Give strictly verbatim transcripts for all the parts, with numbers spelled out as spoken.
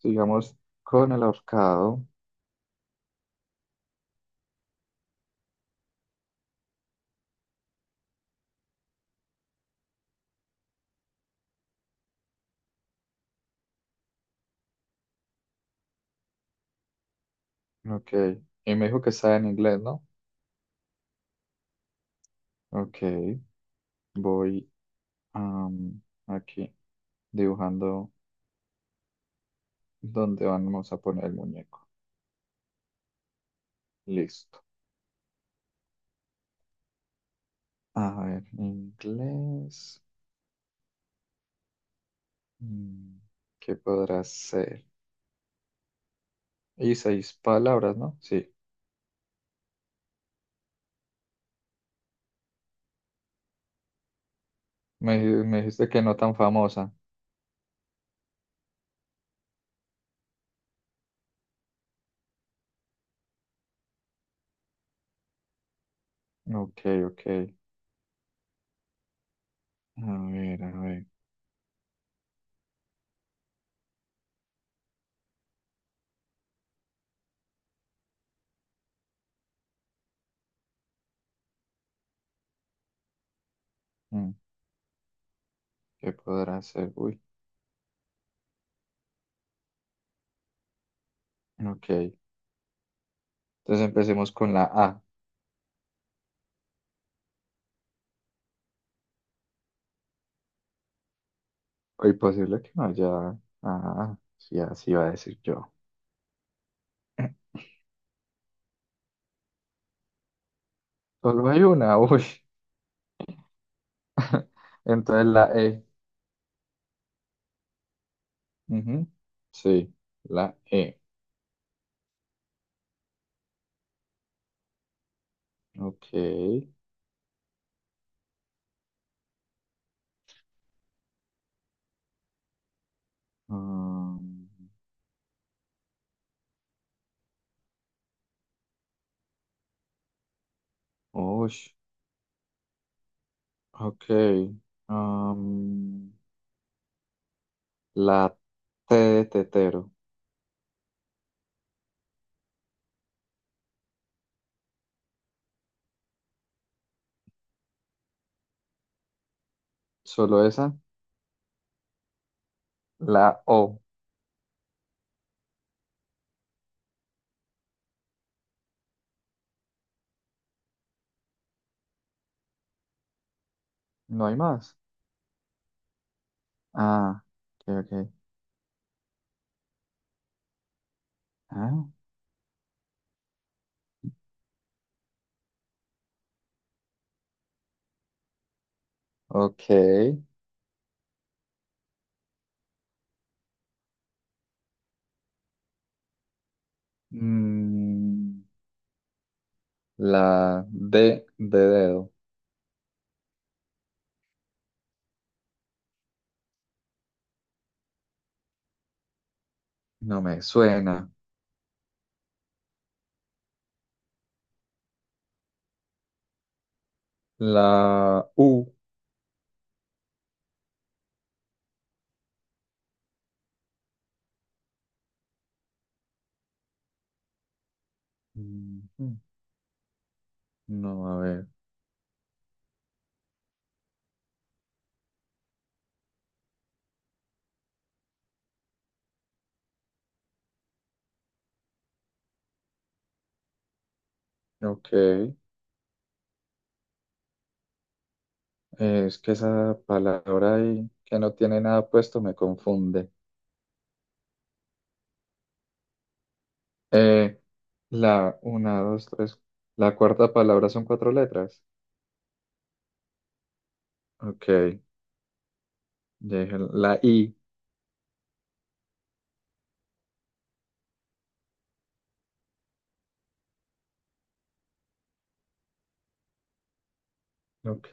Sigamos con el ahorcado. Ok. Y me dijo que está en inglés, ¿no? Ok. Voy am, aquí dibujando dónde vamos a poner el muñeco. Listo. A ver, inglés. Mm, ¿Qué podrá ser? Y seis palabras, ¿no? Sí. Me, di- me dijiste que no tan famosa. Ok, ok. A ver, a ver. Mm, ¿Qué podrá ser? Uy. Ok. Entonces empecemos con la A. O imposible que no haya. Ah, sí, así iba a decir yo. Solo hay una, uy. Entonces la E. Ujú. Sí, la E. Ok. Um, uy, ok. Um, la T de tetero. Solo esa. La O. No hay más. Ah, ok, ok. Ah, ok. Mm, la D de dedo. No me suena. La U. Mm, No, a ver. Ok. Es que esa palabra ahí que no tiene nada puesto me confunde. Eh, la una, dos, tres. La cuarta palabra son cuatro letras. Ok, ya. La I. Ok.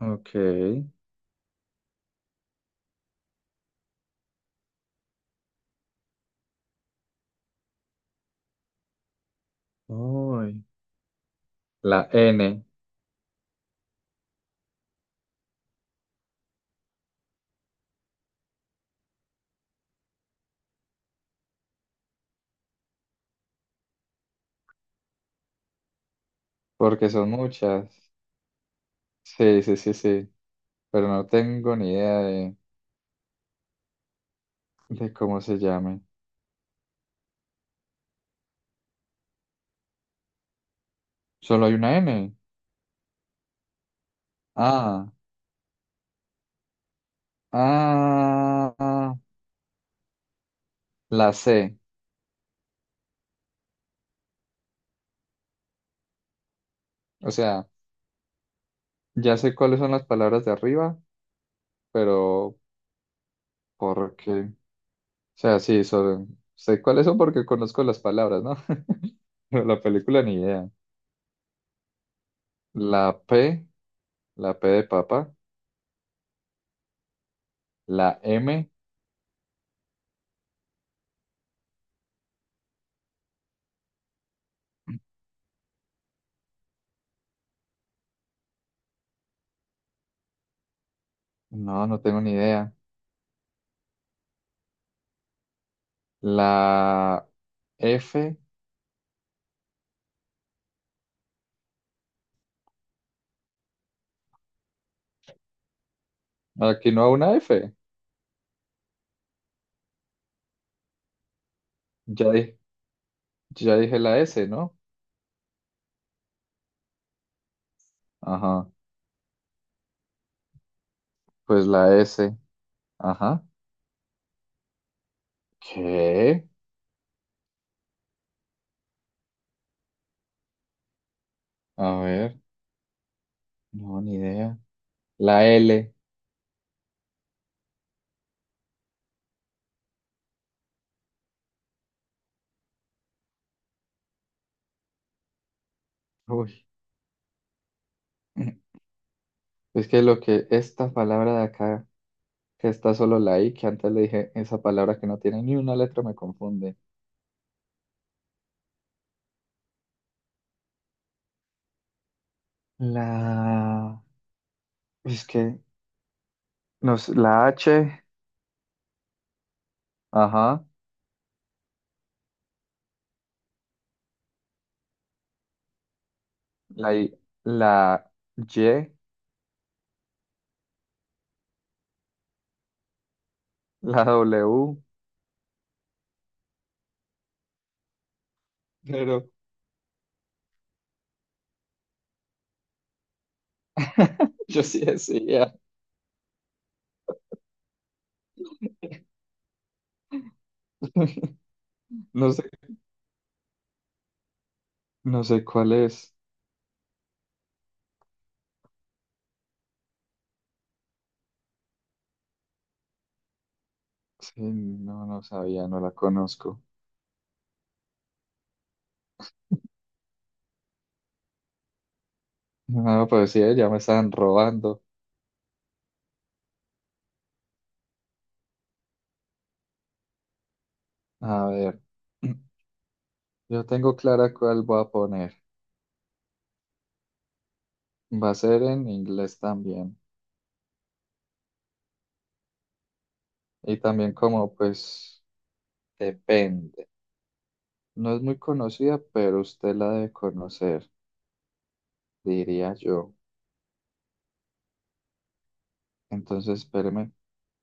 Ok. Uy. La N. Porque son muchas. Sí, sí, sí, sí. Pero no tengo ni idea de, de cómo se llame. Solo hay una N. Ah. Ah, la sé. O sea, ya sé cuáles son las palabras de arriba, pero ¿por qué? O sea, sí, sobre- sé cuáles son porque conozco las palabras, ¿no? Pero la película ni idea. La P, la P de papá. La M, no, no tengo ni idea. La F, aquí no hay una F. Ya, di- ya dije la S, ¿no? Ajá, pues la S. Ajá. ¿Qué? A ver, no, ni idea. La L. Uy. Es que lo que esta palabra de acá, que está solo la I, que antes le dije esa palabra que no tiene ni una letra, me confunde. La... Es que nos, la H, ajá, la I, la Y, la W, pero yo sí decía. No sé, no sé cuál es. Sí, no, no sabía, no la conozco. No, pues sí, ya me estaban robando. A ver. Yo tengo clara cuál voy a poner. Va a ser en inglés también. Y también como pues depende. No es muy conocida, pero usted la debe conocer, diría yo. Entonces, espéreme,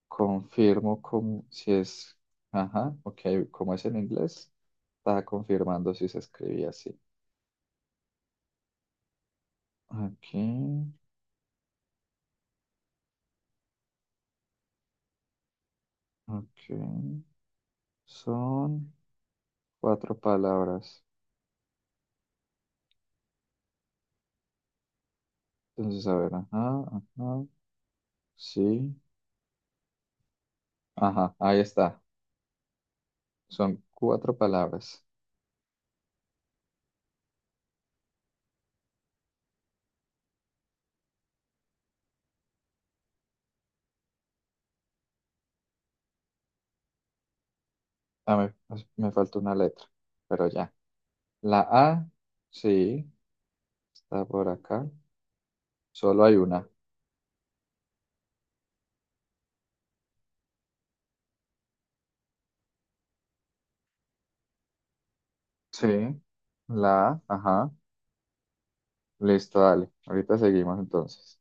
confirmo como si es... Ajá, ok, como es en inglés, estaba confirmando si se escribía así. Aquí, ok. Son cuatro palabras. Entonces, a ver, ajá, ajá, sí. Ajá, ahí está. Son cuatro palabras. Ah, me, me falta una letra, pero ya. La A, sí, está por acá. Solo hay una. Sí, la A, ajá. Listo, dale. Ahorita seguimos entonces.